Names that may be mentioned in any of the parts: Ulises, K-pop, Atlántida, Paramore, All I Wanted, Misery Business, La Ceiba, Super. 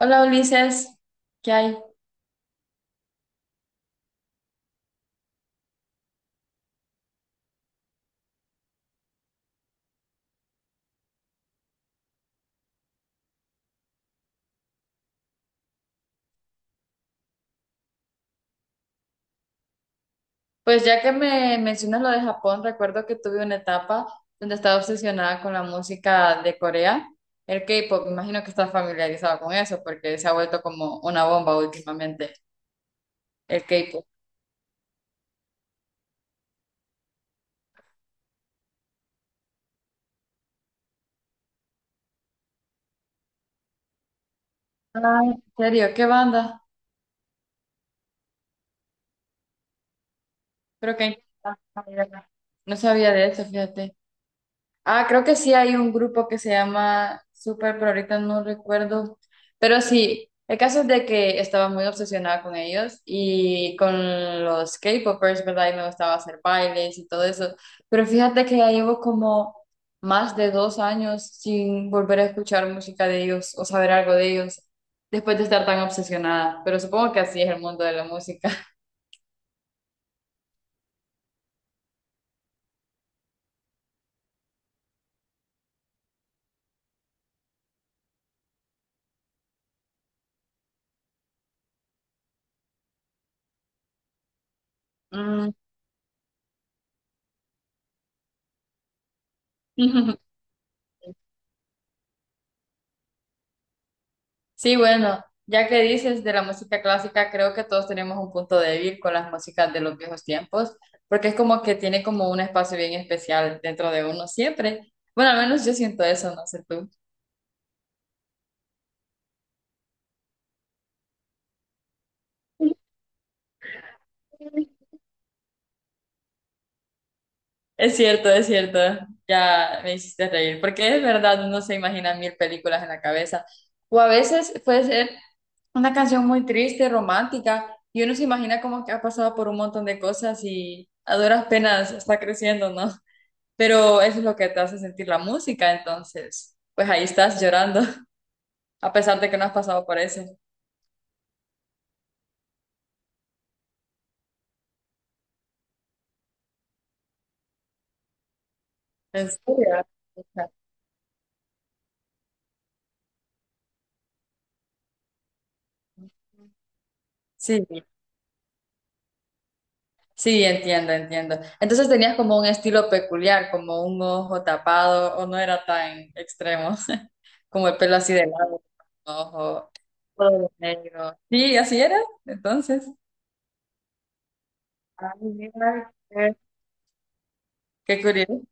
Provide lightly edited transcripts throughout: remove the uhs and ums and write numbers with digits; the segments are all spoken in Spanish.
Hola Ulises, ¿qué hay? Pues ya que me mencionas lo de Japón, recuerdo que tuve una etapa donde estaba obsesionada con la música de Corea, el K-pop. Me imagino que estás familiarizado con eso porque se ha vuelto como una bomba últimamente, el K-pop. Ay, ¿en serio? ¿Qué banda? Creo que hay- no sabía de eso, fíjate. Ah, creo que sí hay un grupo que se llama Super, pero ahorita no recuerdo. Pero sí, el caso es de que estaba muy obsesionada con ellos y con los K-popers, ¿verdad? Y me gustaba hacer bailes y todo eso. Pero fíjate que ya llevo como más de 2 años sin volver a escuchar música de ellos o saber algo de ellos después de estar tan obsesionada. Pero supongo que así es el mundo de la música. Mm. Sí, bueno, ya que dices de la música clásica, creo que todos tenemos un punto débil con las músicas de los viejos tiempos, porque es como que tiene como un espacio bien especial dentro de uno siempre. Bueno, al menos yo siento eso, no sé tú. Es cierto, ya me hiciste reír, porque es verdad, uno se imagina mil películas en la cabeza. O a veces puede ser una canción muy triste, romántica, y uno se imagina como que ha pasado por un montón de cosas y a duras penas está creciendo, ¿no? Pero eso es lo que te hace sentir la música, entonces, pues ahí estás llorando, a pesar de que no has pasado por eso. ¿En serio? Pucha. Sí, sí, entiendo, entiendo. Entonces tenías como un estilo peculiar, como un ojo tapado, o no era tan extremo, como el pelo así de lado, un ojo todo negro. Sí, así era, entonces, ay, mira, qué curioso.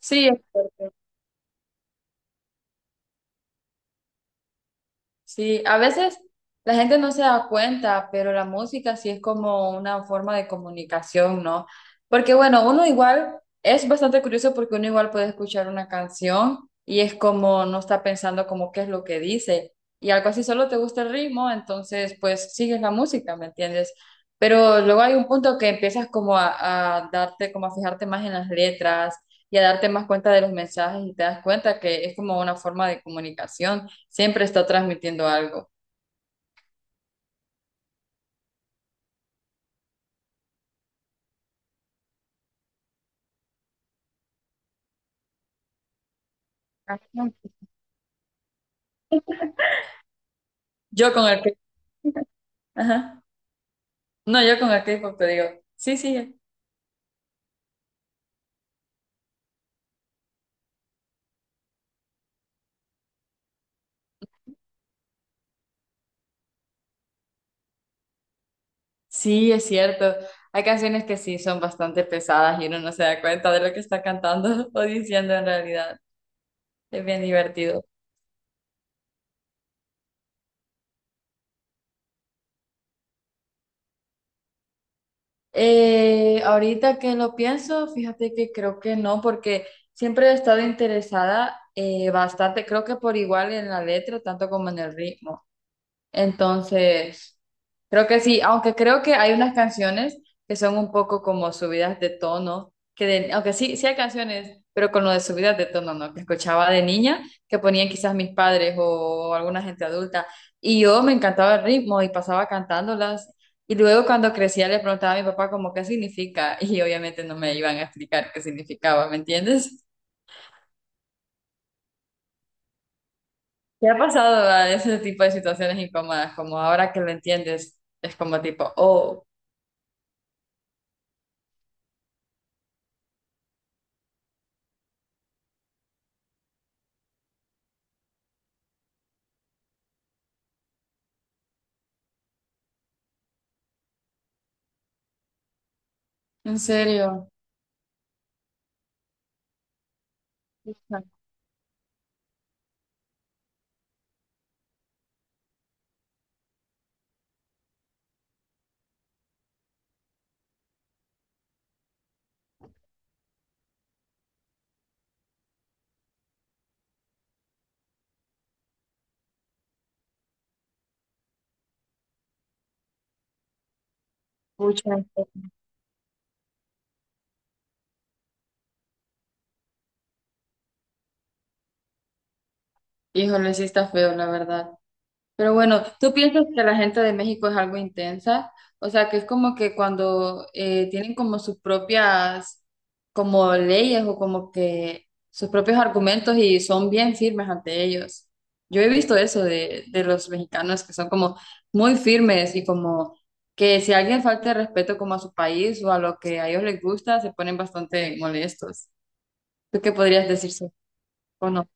Sí, sí, a veces la gente no se da cuenta, pero la música sí es como una forma de comunicación, ¿no? Porque bueno, uno igual es bastante curioso porque uno igual puede escuchar una canción y es como no está pensando como qué es lo que dice y algo así, solo te gusta el ritmo, entonces pues sigues la música, ¿me entiendes? Pero luego hay un punto que empiezas como a darte, como a fijarte más en las letras y a darte más cuenta de los mensajes y te das cuenta que es como una forma de comunicación. Siempre está transmitiendo algo. Ah, no. Yo con el K- Ajá. No, yo con el K-pop te digo, sí, sí, sí, es cierto. Hay canciones que sí son bastante pesadas y uno no se da cuenta de lo que está cantando o diciendo en realidad. Es bien divertido. Ahorita que lo pienso, fíjate que creo que no, porque siempre he estado interesada bastante, creo que por igual en la letra, tanto como en el ritmo. Entonces, creo que sí, aunque creo que hay unas canciones que son un poco como subidas de tono, aunque sí, sí hay canciones, pero con lo de subidas de tono, ¿no? Que escuchaba de niña, que ponían quizás mis padres o alguna gente adulta, y yo me encantaba el ritmo y pasaba cantándolas, y luego cuando crecía le preguntaba a mi papá como qué significa, y obviamente no me iban a explicar qué significaba, ¿me entiendes? ¿Te ha pasado a ese tipo de situaciones incómodas, como ahora que lo entiendes, es como tipo, oh? En serio. Hija, pucha. Híjole, sí está feo, la verdad. Pero bueno, ¿tú piensas que la gente de México es algo intensa? O sea, que es como que cuando tienen como sus propias como leyes o como que sus propios argumentos y son bien firmes ante ellos. Yo he visto eso de los mexicanos que son como muy firmes y como que si alguien falta de respeto como a su país o a lo que a ellos les gusta, se ponen bastante molestos. ¿Tú qué podrías decir sobre- o no?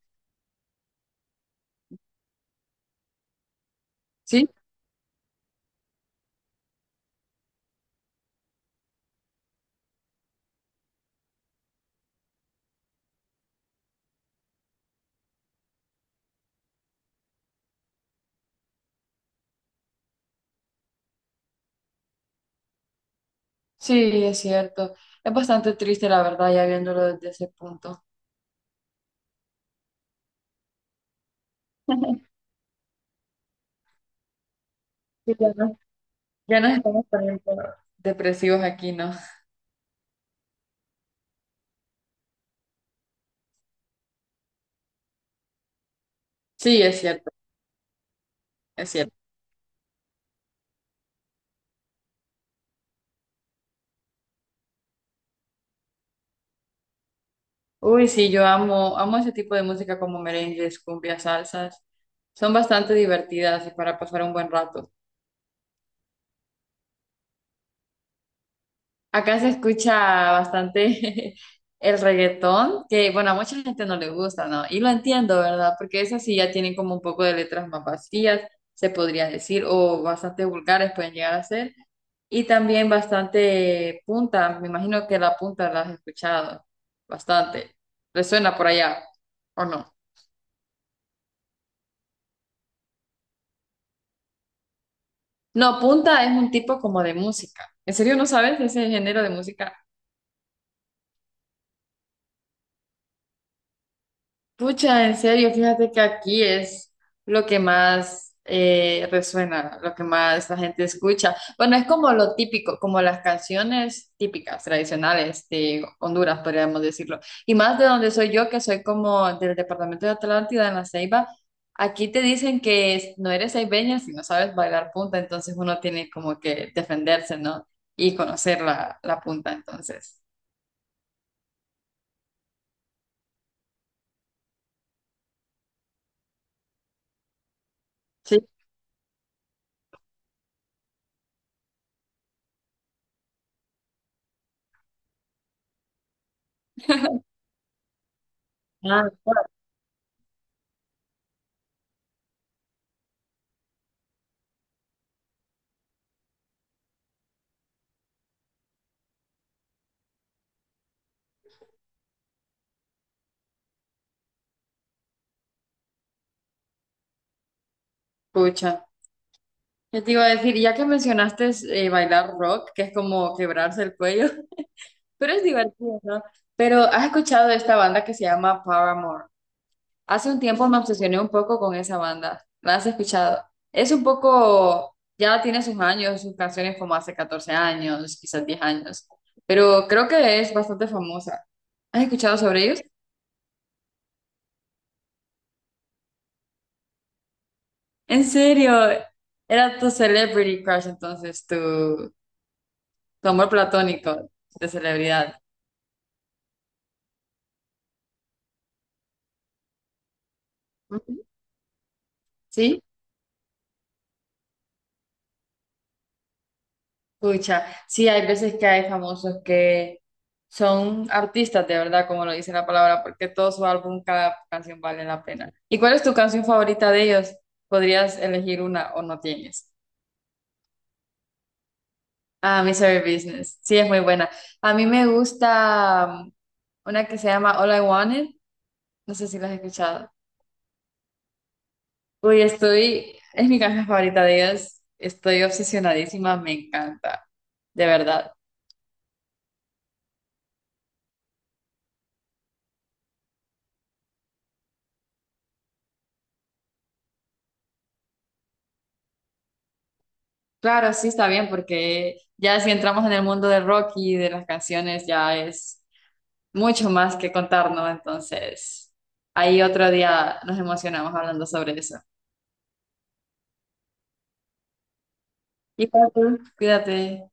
Sí, sí, es cierto. Es bastante triste, la verdad, ya viéndolo desde ese punto. Sí, ya no- ya nos estamos poniendo depresivos aquí, ¿no? Sí, es cierto, es cierto. Uy, sí, yo amo, amo ese tipo de música como merengues, cumbias, salsas. Son bastante divertidas y para pasar un buen rato. Acá se escucha bastante el reggaetón, que bueno, a mucha gente no le gusta, ¿no? Y lo entiendo, ¿verdad? Porque esas sí ya tienen como un poco de letras más vacías, se podría decir, o bastante vulgares pueden llegar a ser. Y también bastante punta, me imagino que la punta la has escuchado bastante. Resuena por allá, ¿o no? No, punta es un tipo como de música. ¿En serio no sabes ese género de música? Pucha, en serio, fíjate que aquí es lo que más resuena, lo que más la gente escucha. Bueno, es como lo típico, como las canciones típicas, tradicionales de Honduras, podríamos decirlo. Y más de donde soy yo, que soy como del departamento de Atlántida, en La Ceiba, aquí te dicen no eres ceibeña si no sabes bailar punta, entonces uno tiene como que defenderse, ¿no? Y conocer la, la punta, entonces. Sí. Ah, pucha. Yo te iba a decir, ya que mencionaste bailar rock, que es como quebrarse el cuello, pero es divertido, ¿no? Pero has escuchado de esta banda que se llama Paramore. Hace un tiempo me obsesioné un poco con esa banda. ¿La has escuchado? Es un poco, ya tiene sus años, sus canciones como hace 14 años, quizás 10 años, pero creo que es bastante famosa. ¿Has escuchado sobre ellos? En serio, era tu celebrity crush entonces, tu amor platónico de celebridad. Ujú. ¿Sí? Pucha, sí, hay veces que hay famosos que son artistas de verdad, como lo dice la palabra, porque todo su álbum, cada canción vale la pena. ¿Y cuál es tu canción favorita de ellos? ¿Podrías elegir una o no tienes? Ah, Misery Business. Sí, es muy buena. A mí me gusta una que se llama All I Wanted. No sé si la has escuchado. Uy, estoy, es mi canción favorita de ellos. Estoy obsesionadísima, me encanta, de verdad. Claro, sí está bien, porque ya si entramos en el mundo del rock y de las canciones, ya es mucho más que contarnos. Entonces, ahí otro día nos emocionamos hablando sobre eso. Y cuídate. Cuídate.